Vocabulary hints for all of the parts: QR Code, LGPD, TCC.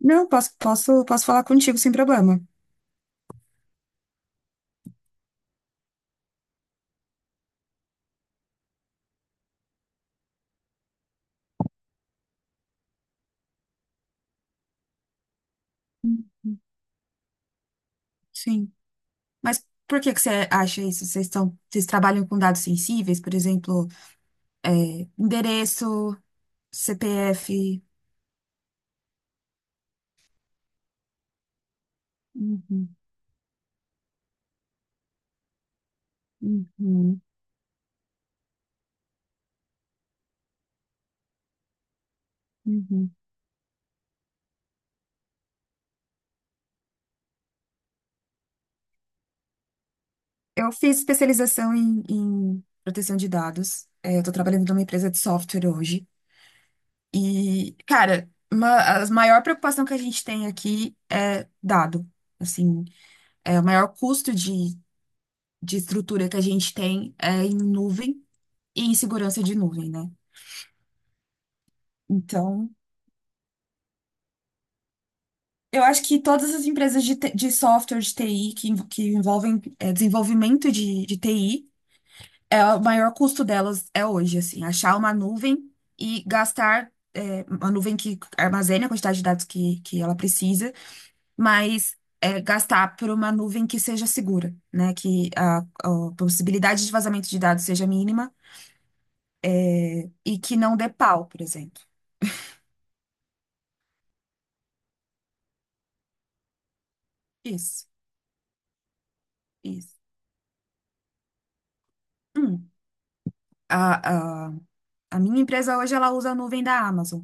Não, posso falar contigo sem problema. Uhum. Sim. Mas por que que você acha isso? Vocês trabalham com dados sensíveis, por exemplo, é, endereço, CPF. Uhum, uhum, uhum. Eu fiz especialização em proteção de dados. É, eu tô trabalhando numa empresa de software hoje. E, cara, uma, a maior preocupação que a gente tem aqui é dado. Assim, é o maior custo de estrutura que a gente tem é em nuvem e em segurança de nuvem, né? Então, eu acho que todas as empresas de, de software de TI que, que envolvem desenvolvimento de TI, é, o maior custo delas é hoje, assim, achar uma nuvem e gastar uma nuvem que armazene a quantidade de dados que ela precisa, mas gastar por uma nuvem que seja segura, né? Que a possibilidade de vazamento de dados seja mínima, e que não dê pau, por exemplo. Isso. Isso. Hum, a, a, a minha empresa hoje ela usa a nuvem da Amazon.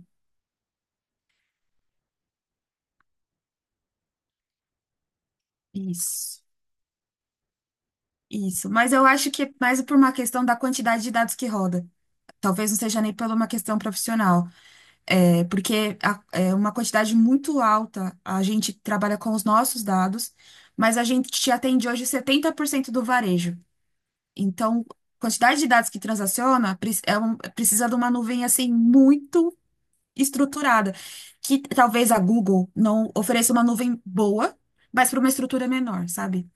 Isso. Isso. Mas eu acho que é mais por uma questão da quantidade de dados que roda. Talvez não seja nem por uma questão profissional. É, porque é uma quantidade muito alta. A gente trabalha com os nossos dados, mas a gente atende hoje 70% do varejo. Então, quantidade de dados que transaciona precisa de uma nuvem assim muito estruturada, que talvez a Google não ofereça uma nuvem boa, mas para uma estrutura menor, sabe?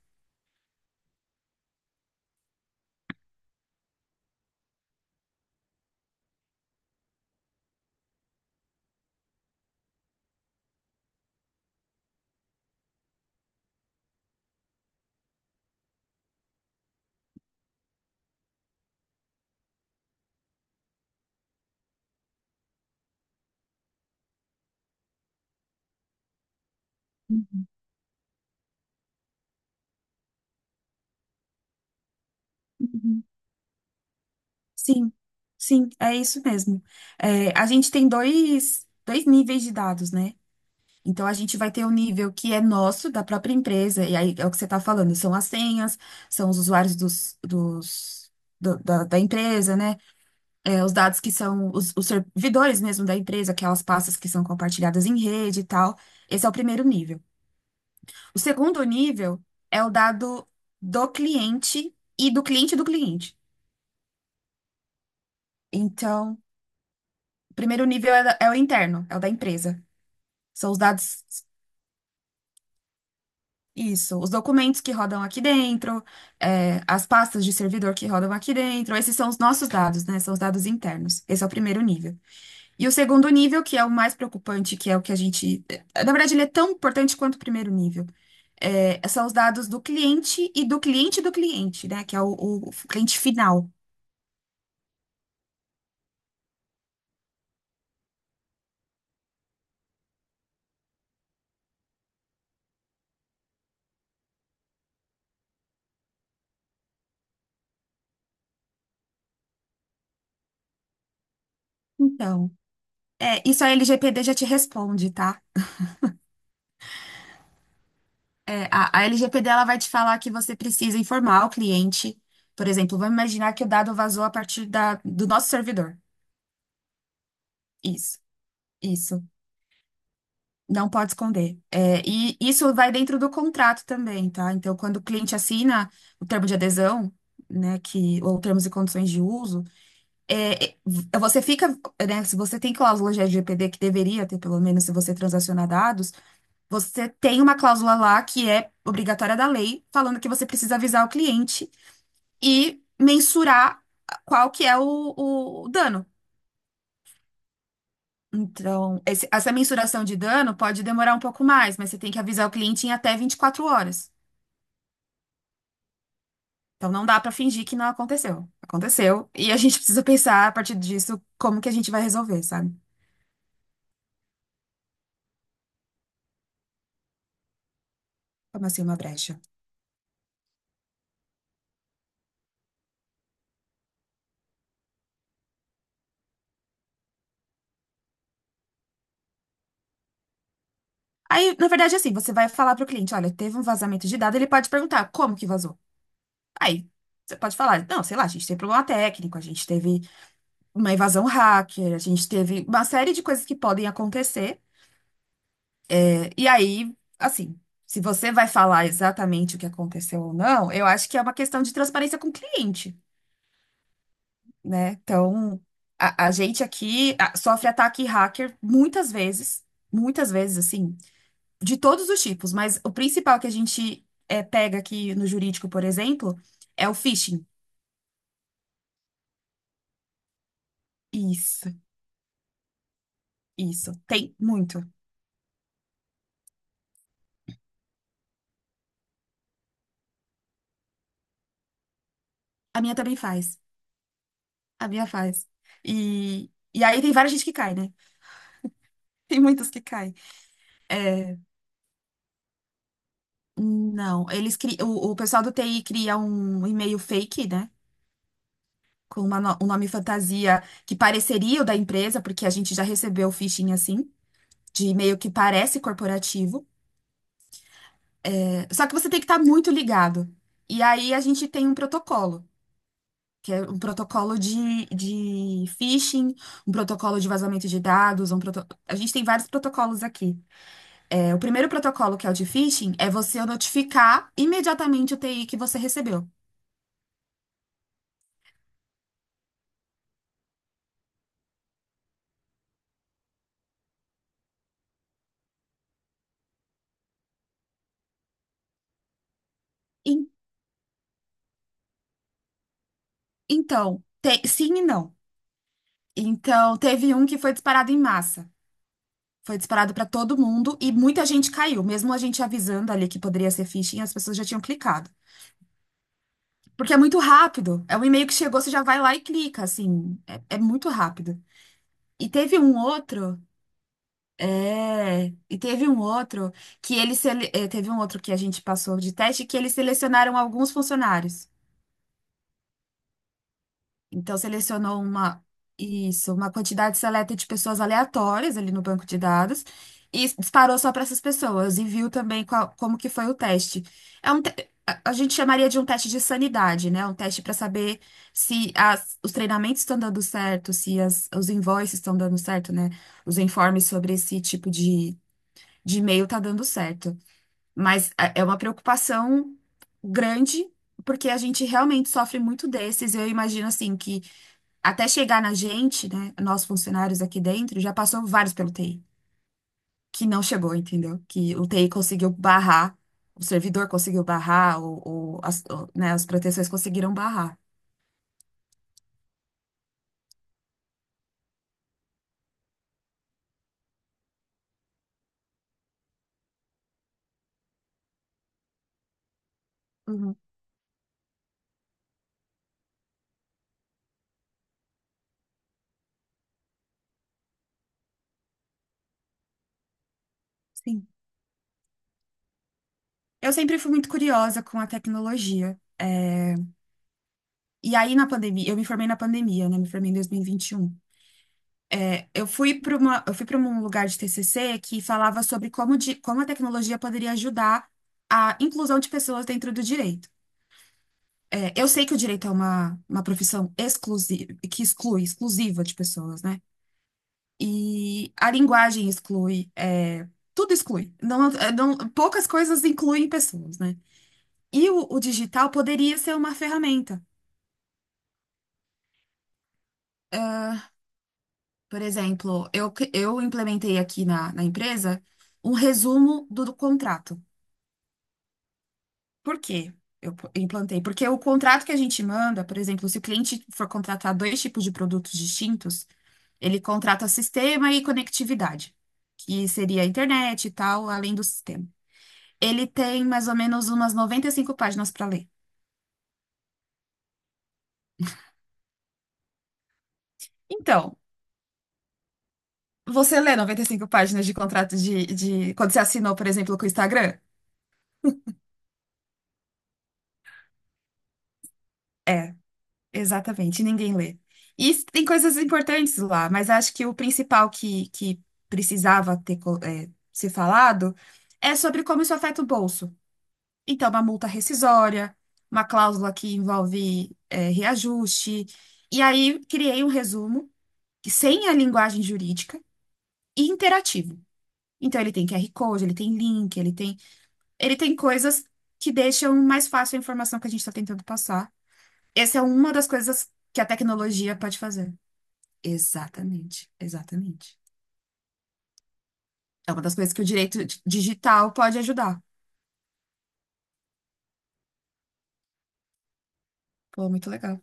Uhum. Sim, sim, é isso mesmo. É, a gente tem dois níveis de dados, né? Então, a gente vai ter o nível que é nosso, da própria empresa, e aí é o que você está falando, são as senhas, são os usuários da empresa, né? É, os dados que são os servidores mesmo da empresa, aquelas pastas que são compartilhadas em rede e tal. Esse é o primeiro nível. O segundo nível é o dado do cliente e do cliente do cliente. Então, o primeiro nível é, é o interno, é o da empresa. São os dados, isso, os documentos que rodam aqui dentro, é, as pastas de servidor que rodam aqui dentro. Esses são os nossos dados, né? São os dados internos. Esse é o primeiro nível. E o segundo nível, que é o mais preocupante, que é o que a gente. Na verdade, ele é tão importante quanto o primeiro nível. É, são os dados do cliente e do cliente, né? Que é o cliente final. Então, é, isso a LGPD já te responde, tá? É, a LGPD ela vai te falar que você precisa informar o cliente. Por exemplo, vamos imaginar que o dado vazou a partir do nosso servidor. Isso, isso. Não pode esconder. É, e isso vai dentro do contrato também, tá? Então, quando o cliente assina o termo de adesão, né, que, ou termos e condições de uso, você fica, né, se você tem cláusula de LGPD, que deveria ter, pelo menos, se você transacionar dados. Você tem uma cláusula lá que é obrigatória da lei, falando que você precisa avisar o cliente e mensurar qual que o dano. Então, essa mensuração de dano pode demorar um pouco mais, mas você tem que avisar o cliente em até 24 horas. Então, não dá para fingir que não aconteceu. Aconteceu. E a gente precisa pensar, a partir disso, como que a gente vai resolver, sabe? Como assim uma brecha? Aí, na verdade, é assim, você vai falar para o cliente, olha, teve um vazamento de dado, ele pode perguntar como que vazou? Aí, você pode falar, não, sei lá, a gente teve problema técnico, a gente teve uma invasão hacker, a gente teve uma série de coisas que podem acontecer. E aí, assim, se você vai falar exatamente o que aconteceu ou não, eu acho que é uma questão de transparência com o cliente, né? Então, a gente aqui sofre ataque hacker muitas vezes, assim, de todos os tipos, mas o principal que a gente pega aqui no jurídico, por exemplo, é o phishing. Isso, isso. Tem muito. A minha também faz. A minha faz. E aí tem várias gente que cai, né? Tem muitos que caem. Não, eles cri... o pessoal do TI cria um e-mail fake, né? Com uma um nome fantasia que pareceria o da empresa, porque a gente já recebeu phishing assim, de e-mail que parece corporativo. Só que você tem que estar muito ligado. E aí a gente tem um protocolo, que é um protocolo de phishing, um protocolo de vazamento de dados, um proto... a gente tem vários protocolos aqui. É, o primeiro protocolo, que é o de phishing, é você notificar imediatamente o TI que você recebeu. Em- Então, sim e não. Então, teve um que foi disparado em massa. Foi disparado para todo mundo e muita gente caiu. Mesmo a gente avisando ali que poderia ser phishing, as pessoas já tinham clicado. Porque é muito rápido. É um e-mail que chegou, você já vai lá e clica, assim. É muito rápido. E teve um outro. E teve um outro que teve um outro que a gente passou de teste que eles selecionaram alguns funcionários. Então, selecionou uma, isso, uma quantidade seleta de pessoas aleatórias ali no banco de dados e disparou só para essas pessoas e viu também como que foi o teste. É um te- a gente chamaria de um teste de sanidade, né? Um teste para saber se os treinamentos estão dando certo, se os invoices estão dando certo, né? Os informes sobre esse tipo de e-mail tá dando certo. Mas é uma preocupação grande, porque a gente realmente sofre muito desses. Eu imagino assim que até chegar na gente, né, nós funcionários aqui dentro, já passou vários pelo TI, que não chegou, entendeu? Que o TI conseguiu barrar, o servidor conseguiu barrar, né, as proteções conseguiram barrar. Uhum. Sim. Eu sempre fui muito curiosa com a tecnologia. E aí, na pandemia, eu me formei na pandemia, né? Me formei em 2021. É, eu fui para uma, eu fui para um lugar de TCC que falava sobre como a tecnologia poderia ajudar a inclusão de pessoas dentro do direito. É, eu sei que o direito é uma profissão exclusiva, que exclui, exclusiva de pessoas, né? E a linguagem exclui, tudo exclui. Poucas coisas incluem pessoas, né? E o digital poderia ser uma ferramenta. Ah, por exemplo, eu implementei aqui na empresa um resumo do contrato. Por quê? Implantei. Porque o contrato que a gente manda, por exemplo, se o cliente for contratar dois tipos de produtos distintos, ele contrata sistema e conectividade, que seria a internet e tal, além do sistema. Ele tem mais ou menos umas 95 páginas para ler. Então, você lê 95 páginas de contrato Quando você assinou, por exemplo, com o Instagram? É. Exatamente, ninguém lê. Tem coisas importantes lá, mas acho que o principal que precisava ter ser falado é sobre como isso afeta o bolso. Então, uma multa rescisória, uma cláusula que envolve reajuste. E aí, criei um resumo que sem a linguagem jurídica e interativo. Então, ele tem QR Code, ele tem link, ele tem coisas que deixam mais fácil a informação que a gente está tentando passar. Essa é uma das coisas que a tecnologia pode fazer. Exatamente, exatamente. É uma das coisas que o direito digital pode ajudar. Pô, muito legal.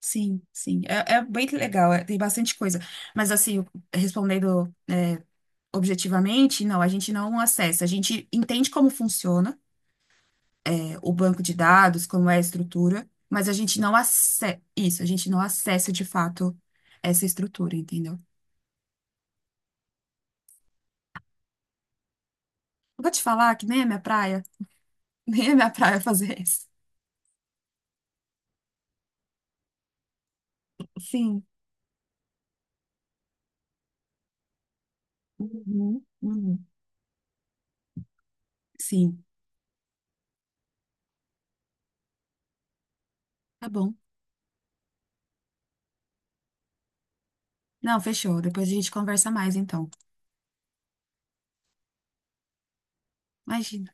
Sim, sim. É bem legal, tem bastante coisa. Mas, assim, respondendo objetivamente, não, a gente não acessa. A gente entende como funciona, é, o banco de dados, como é a estrutura, mas a gente não acessa. Isso, a gente não acessa de fato essa estrutura, entendeu? Eu vou te falar que nem é minha praia, nem é minha praia fazer isso. Sim. Uhum, uhum. Sim. Tá bom. Não, fechou. Depois a gente conversa mais, então. Imagina,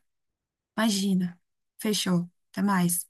imagina. Fechou. Até mais.